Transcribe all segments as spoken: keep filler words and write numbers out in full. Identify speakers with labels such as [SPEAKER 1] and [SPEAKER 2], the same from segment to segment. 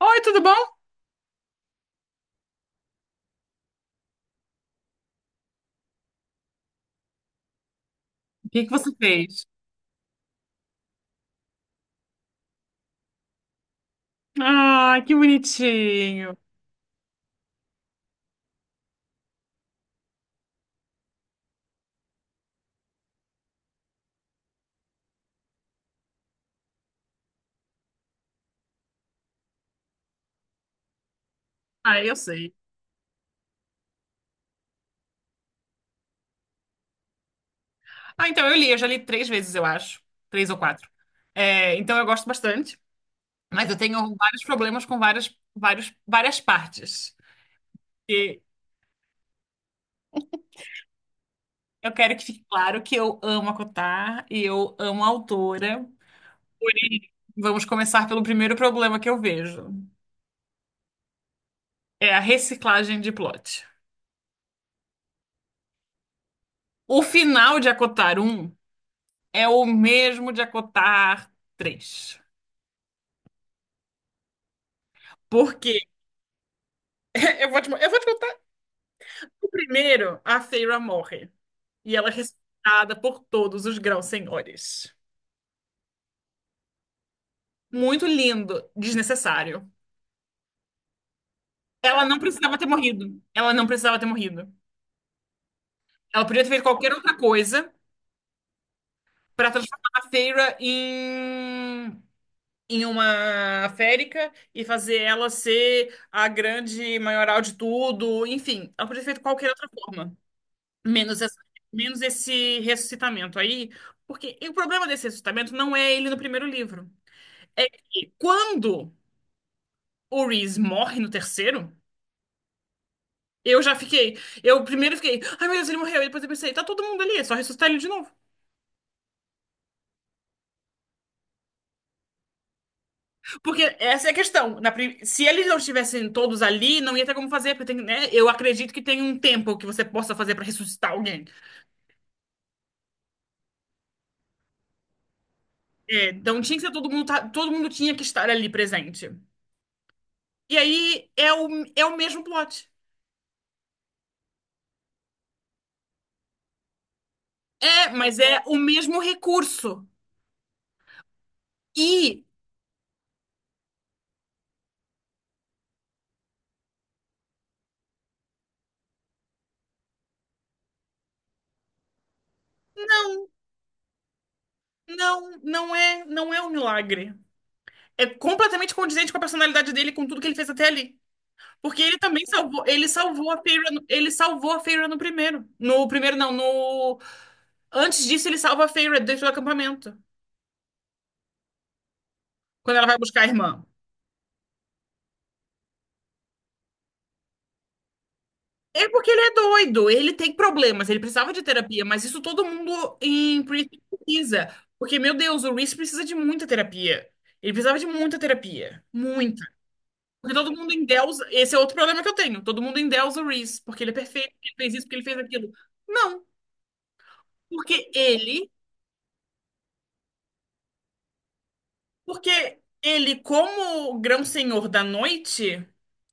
[SPEAKER 1] Oi, tudo bom? O que que você fez? Ah, que bonitinho. Ah, eu sei. Ah, então eu li, eu já li três vezes, eu acho. Três ou quatro. É, então eu gosto bastante, mas eu tenho vários problemas com várias, vários, várias partes. E eu quero que fique claro que eu amo a Kotar e eu amo a autora. Porém, vamos começar pelo primeiro problema que eu vejo. É a reciclagem de plot. O final de Acotar Um é o mesmo de Acotar três. Porque Eu vou te, eu vou te contar. O primeiro, a Feyre morre. E ela é respeitada por todos os grãos senhores. Muito lindo, desnecessário. Ela não precisava ter morrido. Ela não precisava ter morrido. Ela podia ter feito qualquer outra coisa para transformar a Feyre em, em uma férica e fazer ela ser a grande maioral de tudo. Enfim, ela podia ter feito qualquer outra forma. Menos, essa- Menos esse ressuscitamento aí. Porque e o problema desse ressuscitamento não é ele no primeiro livro. É que quando o Reese morre no terceiro, eu já fiquei. Eu primeiro fiquei, ai meu Deus, ele morreu. E depois eu pensei, tá todo mundo ali, é só ressuscitar ele de novo. Porque essa é a questão. Na prim- se eles não estivessem todos ali, não ia ter como fazer. Porque tem, né, eu acredito que tem um tempo que você possa fazer pra ressuscitar alguém. É, então tinha que ser todo mundo, tá- todo mundo tinha que estar ali presente. E aí é o, é o mesmo plot. É, mas é o mesmo recurso. E não, não é, não é um milagre. É completamente condizente com a personalidade dele, com tudo que ele fez até ali. Porque ele também salvou, ele salvou a Feyre, no- ele salvou a Feyre no primeiro. No primeiro não, no antes disso ele salva a Feyre dentro do acampamento, quando ela vai buscar a irmã. É porque ele é doido, ele tem problemas, ele precisava de terapia, mas isso todo mundo em Prison precisa. Porque, meu Deus, o Reese precisa de muita terapia. Ele precisava de muita terapia. Porque todo mundo endeusa. Esse é outro problema que eu tenho. Todo mundo endeusa o Reese, porque ele é perfeito, porque ele fez isso, porque ele fez aquilo. Não, porque ele, porque ele, como grão-senhor da noite,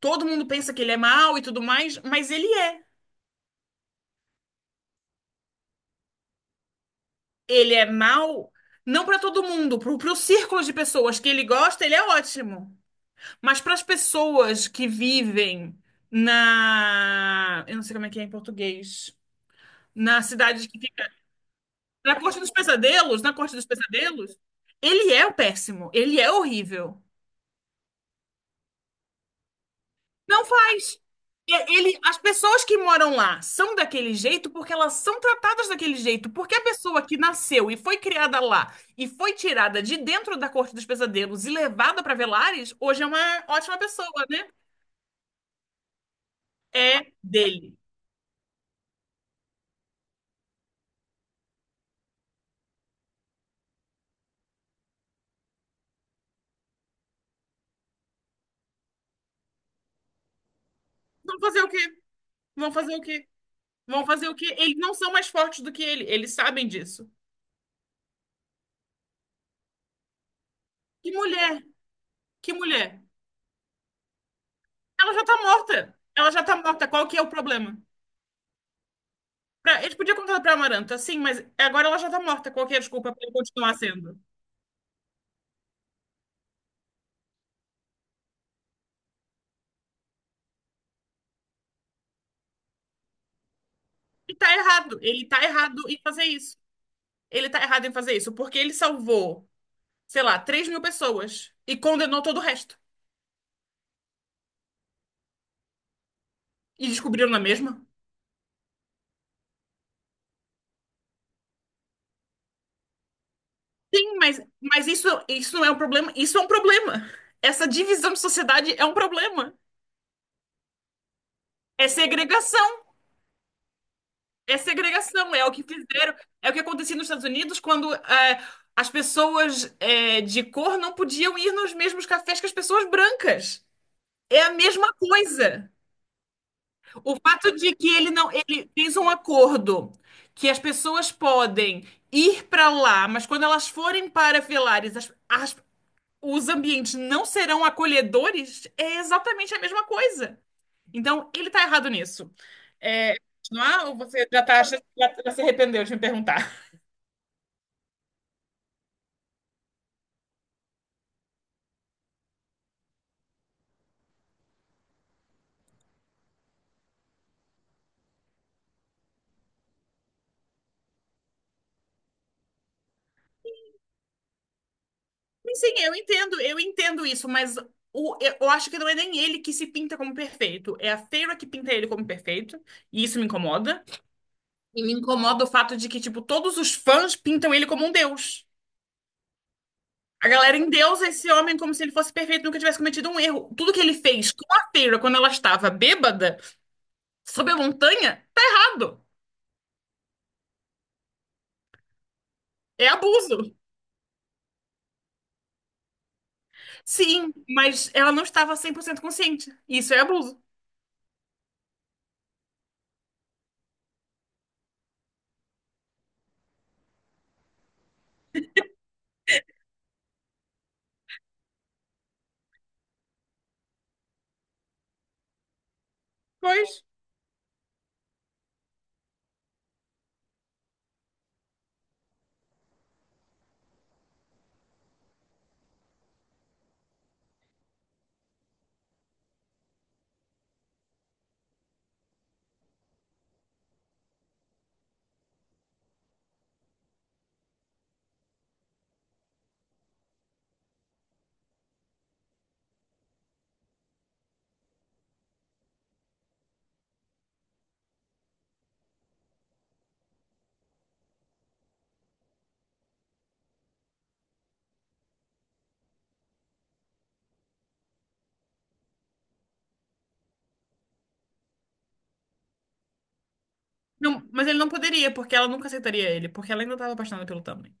[SPEAKER 1] todo mundo pensa que ele é mau e tudo mais, mas ele é. Ele é mau, não para todo mundo, pro, pro círculo de pessoas que ele gosta, ele é ótimo. Mas para as pessoas que vivem na. Eu não sei como é que é em português. Na cidade que Na Corte dos Pesadelos, na Corte dos Pesadelos, ele é o péssimo, ele é horrível. Não faz. E- Ele, as pessoas que moram lá são daquele jeito porque elas são tratadas daquele jeito. Porque a pessoa que nasceu e foi criada lá e foi tirada de dentro da Corte dos Pesadelos e levada para Velares, hoje é uma ótima pessoa, né? É dele. Vão fazer o quê? Vão fazer o quê? Vão fazer o quê? Eles não são mais fortes do que ele, eles sabem disso. Que mulher, que mulher. Ela já tá morta. Ela já tá morta. Qual que é o problema? Pra, eles podiam contar pra Amaranta, sim, mas agora ela já tá morta. Qual que é a desculpa pra ele continuar sendo? E tá errado. Ele tá errado em fazer isso. Ele tá errado em fazer isso porque ele salvou, sei lá, três mil pessoas e condenou todo o resto. E descobriram na mesma? Sim, mas, mas isso, isso não é um problema. Isso é um problema. Essa divisão de sociedade é um problema. É segregação. É segregação, é o que fizeram, é o que acontecia nos Estados Unidos quando é, as pessoas é, de cor não podiam ir nos mesmos cafés que as pessoas brancas. É a mesma coisa. O fato de que ele não, ele fez um acordo que as pessoas podem ir para lá, mas quando elas forem para Velares, as, as, os ambientes não serão acolhedores, é exatamente a mesma coisa. Então, ele está errado nisso. É, continuar, ou você já tá achando, já, já se arrependeu de me perguntar? Sim, sim, eu entendo, eu entendo isso, mas o, eu eu acho que não é nem ele que se pinta como perfeito, é a Feira que pinta ele como perfeito, e isso me incomoda. E me incomoda o fato de que, tipo, todos os fãs pintam ele como um deus. A galera endeusa esse homem como se ele fosse perfeito, nunca tivesse cometido um erro. Tudo que ele fez com a Feira quando ela estava bêbada Sob a montanha? Tá errado. É abuso. Sim, mas ela não estava cem por cento consciente. Isso é abuso. Pois. Não, mas ele não poderia, porque ela nunca aceitaria ele, porque ela ainda estava apaixonada pelo Tamlin.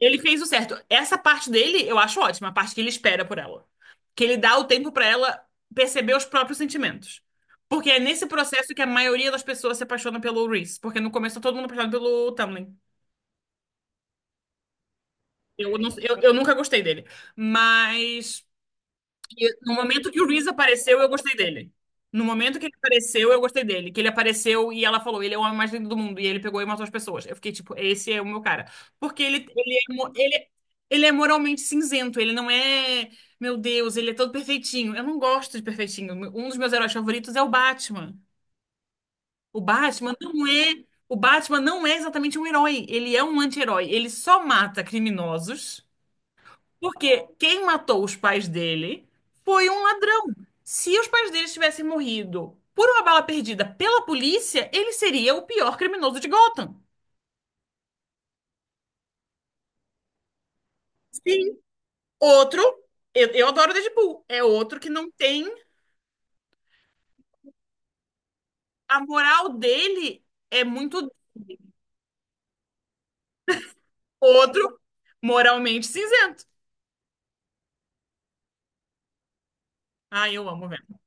[SPEAKER 1] Ele fez o certo. Essa parte dele eu acho ótima, a parte que ele espera por ela. Que ele dá o tempo pra ela perceber os próprios sentimentos. Porque é nesse processo que a maioria das pessoas se apaixona pelo Reese, porque no começo tá todo mundo apaixonado pelo Tamlin. Eu, não- eu, eu nunca gostei dele. Mas E no momento que o Reese apareceu, eu gostei dele. No momento que ele apareceu, eu gostei dele. Que ele apareceu e ela falou, ele é o homem mais lindo do mundo. E ele pegou e matou as pessoas. Eu fiquei tipo, esse é o meu cara. Porque ele, ele, é, mo- ele, ele é moralmente cinzento. Ele não é, meu Deus, ele é todo perfeitinho. Eu não gosto de perfeitinho. Um dos meus heróis favoritos é o Batman. O Batman não é, o Batman não é exatamente um herói. Ele é um anti-herói. Ele só mata criminosos. Porque quem matou os pais dele foi um ladrão. Se os pais dele tivessem morrido por uma bala perdida pela polícia, ele seria o pior criminoso de Gotham. Sim. Outro, eu, eu adoro Deadpool, é outro que não tem. A moral dele é muito. Outro, moralmente cinzento. Ah, eu amo, velho.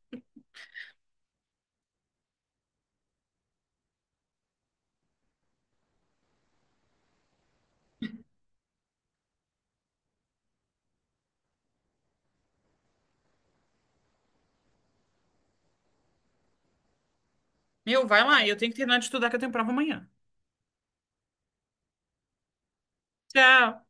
[SPEAKER 1] Meu, vai lá, eu tenho que terminar de estudar que eu tenho prova amanhã. Tchau.